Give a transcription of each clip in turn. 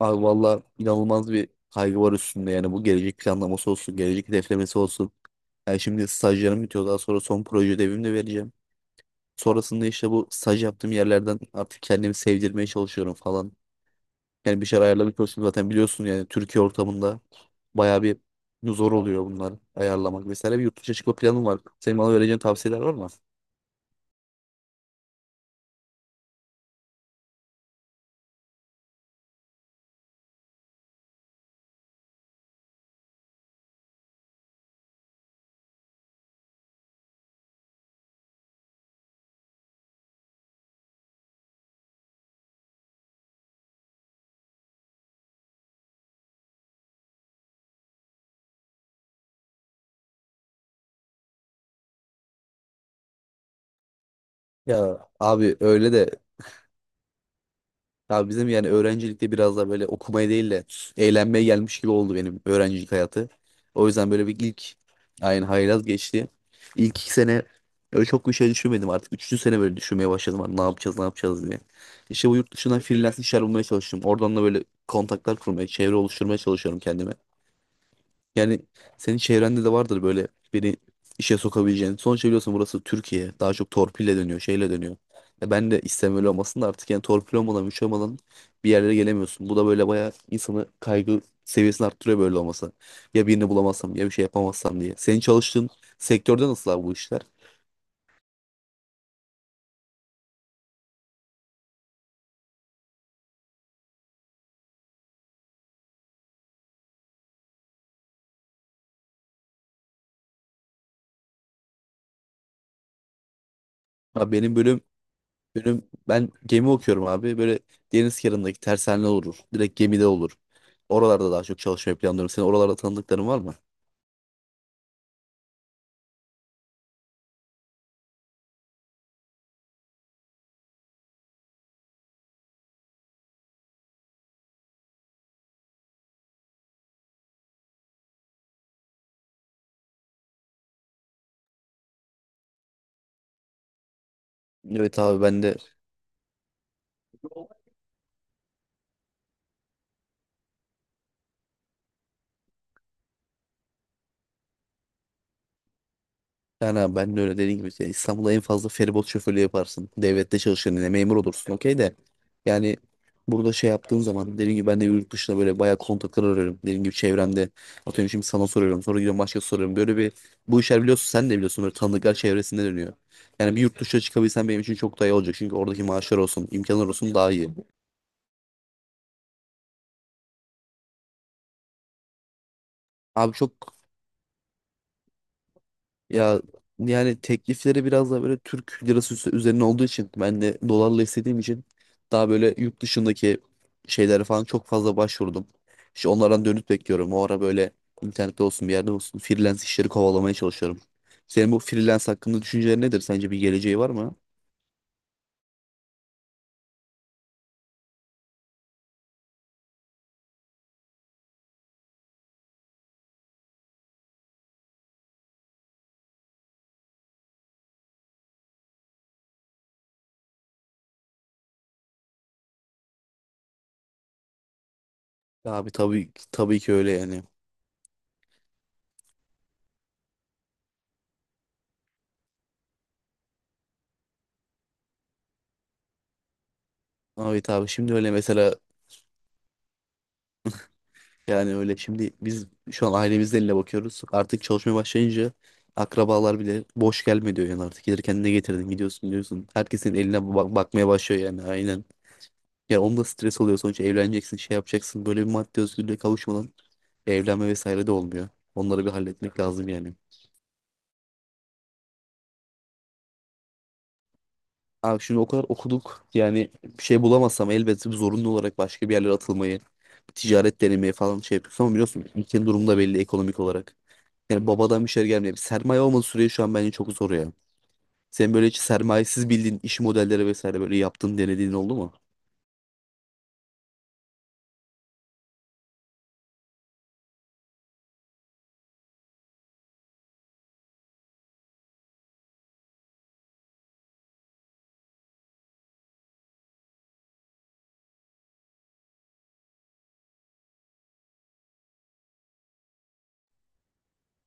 Abi valla inanılmaz bir kaygı var üstünde yani bu gelecek planlaması olsun, gelecek hedeflemesi olsun. Yani şimdi stajlarım bitiyor daha sonra son proje ödevimi de vereceğim. Sonrasında işte bu staj yaptığım yerlerden artık kendimi sevdirmeye çalışıyorum falan. Yani bir şeyler ayarlamaya çalışıyorum zaten biliyorsun yani Türkiye ortamında bayağı bir zor oluyor bunlar ayarlamak vesaire. Bir yurt dışına çıkma planım var. Senin bana vereceğin tavsiyeler var mı? Ya abi öyle de Abi bizim yani öğrencilikte biraz da böyle okumaya değil de eğlenmeye gelmiş gibi oldu benim öğrencilik hayatı. O yüzden böyle bir ilk aynı haylaz geçti. İlk 2 sene öyle çok bir şey düşünmedim artık. Üçüncü sene böyle düşünmeye başladım. Hani ne yapacağız ne yapacağız diye. İşte bu yurt dışından freelance işler bulmaya çalıştım. Oradan da böyle kontaklar kurmaya, çevre oluşturmaya çalışıyorum kendime. Yani senin çevrende de vardır böyle beni işe sokabileceğin. Sonuçta biliyorsun burası Türkiye. Daha çok torpille dönüyor, şeyle dönüyor. Ya ben de istem öyle olmasın da artık yani torpil olmadan, güç olmadan bir yerlere gelemiyorsun. Bu da böyle bayağı insanı kaygı seviyesini arttırıyor böyle olması. Ya birini bulamazsam ya bir şey yapamazsam diye. Senin çalıştığın sektörde nasıl abi bu işler? Abi benim bölüm, ben gemi okuyorum abi. Böyle deniz kenarındaki tersane olur. Direkt gemide olur. Oralarda daha çok çalışmayı planlıyorum. Senin oralarda tanıdıkların var mı? Evet abi ben de Yani abi ben de öyle dediğim gibi şey, İstanbul'da en fazla feribot şoförlüğü yaparsın. Devlette çalışırken yine memur olursun okey de. Yani burada şey yaptığın zaman dediğim gibi ben de yurt dışında böyle bayağı kontaklar arıyorum. Dediğim gibi çevremde atıyorum şimdi sana soruyorum sonra gidiyorum başka soruyorum. Böyle bir bu işler biliyorsun sen de biliyorsun böyle tanıdıklar çevresinde dönüyor. Yani bir yurt dışına çıkabilsen benim için çok daha iyi olacak. Çünkü oradaki maaşlar olsun imkanlar olsun daha iyi. Abi çok Ya yani teklifleri biraz da böyle Türk lirası üzerine olduğu için ben de dolarla istediğim için daha böyle yurt dışındaki şeylere falan çok fazla başvurdum. İşte onlardan dönüt bekliyorum. O ara böyle internette olsun bir yerde olsun freelance işleri kovalamaya çalışıyorum. Senin bu freelance hakkında düşüncelerin nedir? Sence bir geleceği var mı? Abi tabii tabii ki öyle yani. Abi tabii şimdi öyle mesela Yani öyle şimdi biz şu an ailemizin eline bakıyoruz. Artık çalışmaya başlayınca akrabalar bile boş gelme diyor yani artık. Gelirken ne getirdin gidiyorsun diyorsun. Herkesin eline bakmaya başlıyor yani aynen. Ya onda stres oluyor sonuçta evleneceksin şey yapacaksın. Böyle bir maddi özgürlüğe kavuşmadan evlenme vesaire de olmuyor. Onları bir halletmek lazım yani. Abi şimdi o kadar okuduk yani bir şey bulamazsam elbette bir zorunlu olarak başka bir yerlere atılmayı, ticaret denemeyi falan şey yapıyorsun ama biliyorsun ülkenin durumu da belli ekonomik olarak. Yani babadan bir şey gelmiyor. Sermaye olmadığı sürece şu an bence çok zor ya. Sen böyle hiç sermayesiz bildiğin iş modelleri vesaire böyle yaptın denediğin oldu mu?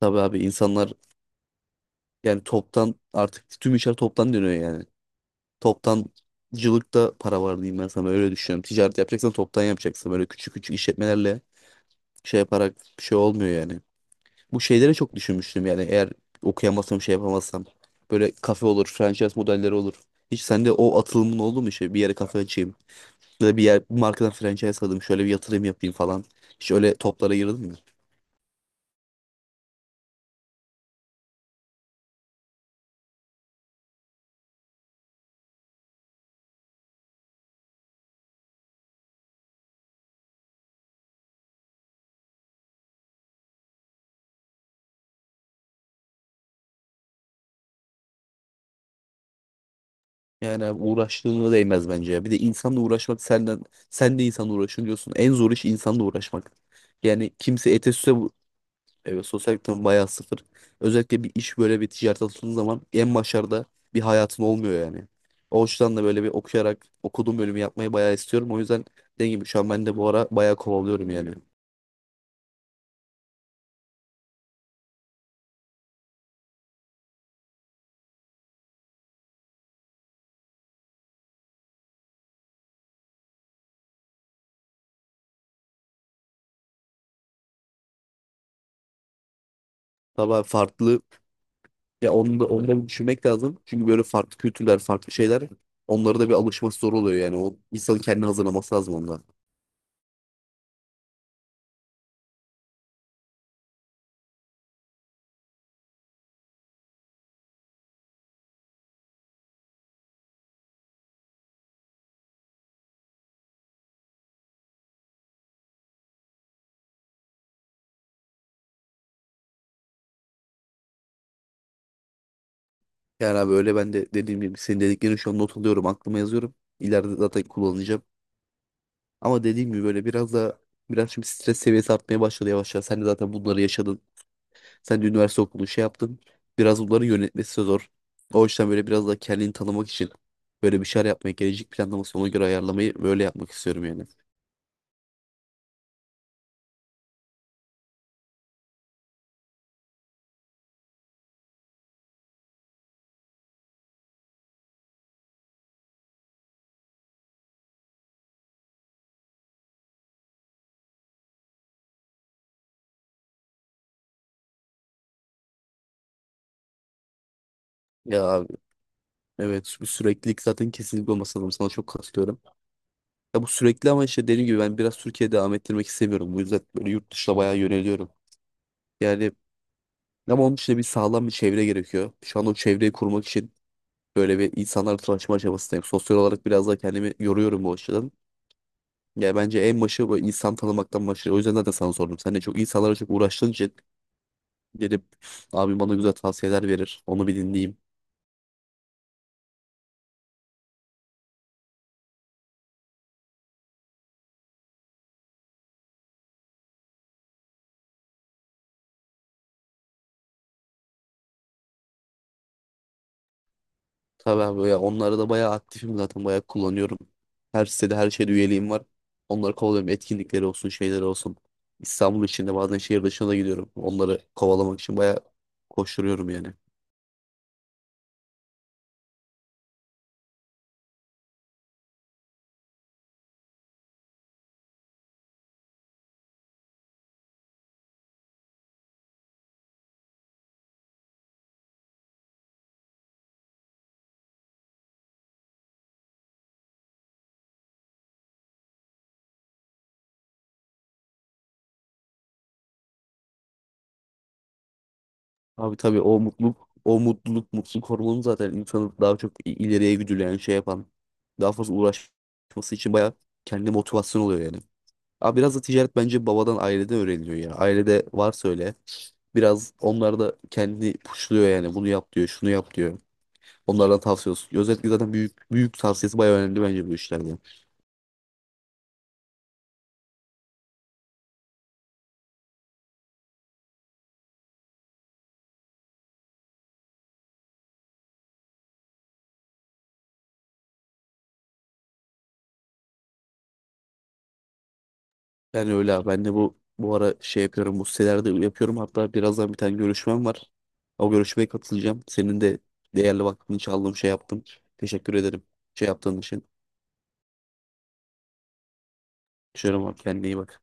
Tabii abi insanlar Yani toptan artık tüm işler toptan dönüyor yani. Toptancılıkta para var diyeyim ben sana öyle düşünüyorum. Ticaret yapacaksan toptan yapacaksın. Böyle küçük küçük işletmelerle şey yaparak bir şey olmuyor yani. Bu şeylere çok düşünmüştüm yani eğer okuyamazsam şey yapamazsam. Böyle kafe olur, franchise modelleri olur. Hiç sende o atılımın oldu mu şey bir yere kafe açayım? Böyle bir yer, bir markadan franchise alayım, şöyle bir yatırım yapayım falan. Hiç öyle toplara yırılmıyor. Yani abi uğraştığına değmez bence ya. Bir de insanla uğraşmak senden, sen de insanla uğraşın diyorsun. En zor iş insanla uğraşmak. Yani kimse ete süse bu. Evet, sosyal ekonomi bayağı sıfır. Özellikle bir iş böyle bir ticaret atıldığın zaman en başarıda bir hayatın olmuyor yani. O yüzden de böyle bir okuyarak okuduğum bölümü yapmayı bayağı istiyorum. O yüzden dediğim gibi şu an ben de bu ara bayağı kovalıyorum yani. Tabii abi farklı Ya onu da bir düşünmek lazım. Çünkü böyle farklı kültürler, farklı şeyler onlara da bir alışması zor oluyor yani. O insanın kendini hazırlaması lazım onunla. Yani abi öyle ben de dediğim gibi senin dediklerini şu an not alıyorum, aklıma yazıyorum. İleride zaten kullanacağım. Ama dediğim gibi böyle biraz da biraz şimdi stres seviyesi artmaya başladı yavaş yavaş. Sen de zaten bunları yaşadın. Sen de üniversite okudun, şey yaptın. Biraz bunları yönetmesi zor. O yüzden böyle biraz da kendini tanımak için böyle bir şeyler yapmayı, gelecek planlaması ona göre ayarlamayı böyle yapmak istiyorum yani. Ya Evet bu süreklilik zaten kesinlikle olması lazım. Sana çok katılıyorum. Ya bu sürekli ama işte dediğim gibi ben biraz Türkiye'ye devam ettirmek istemiyorum. Bu yüzden böyle yurt dışına bayağı yöneliyorum. Yani ama onun için de bir sağlam bir çevre gerekiyor. Şu an o çevreyi kurmak için böyle bir insanlarla tanışma aşamasındayım. Sosyal olarak biraz daha kendimi yoruyorum bu açıdan. Yani bence en başı böyle insan tanımaktan başlıyor. O yüzden zaten sana sordum. Sen de çok insanlara çok uğraştığın için dedim abim bana güzel tavsiyeler verir. Onu bir dinleyeyim. Tabii abi ya onları da bayağı aktifim zaten bayağı kullanıyorum. Her sitede her şeyde üyeliğim var. Onları kovalıyorum. Etkinlikleri olsun şeyleri olsun. İstanbul içinde bazen şehir dışına da gidiyorum. Onları kovalamak için bayağı koşturuyorum yani. Abi tabii o mutluluk hormonu zaten insanı daha çok ileriye güdüleyen şey yapan daha fazla uğraşması için bayağı kendi motivasyon oluyor yani. Abi biraz da ticaret bence babadan aileden öğreniliyor ya. Ailede varsa öyle biraz onlar da kendini puşluyor yani bunu yap diyor şunu yap diyor. Onlardan tavsiye olsun. Özellikle zaten büyük büyük tavsiyesi bayağı önemli bence bu işlerde. Yani öyle abi. Ben de bu ara şey yapıyorum. Bu sitelerde yapıyorum. Hatta birazdan bir tane görüşmem var. O görüşmeye katılacağım. Senin de değerli vaktini çaldığım şey yaptım. Teşekkür ederim. Şey yaptığın için. Şöyle bak kendine iyi bak.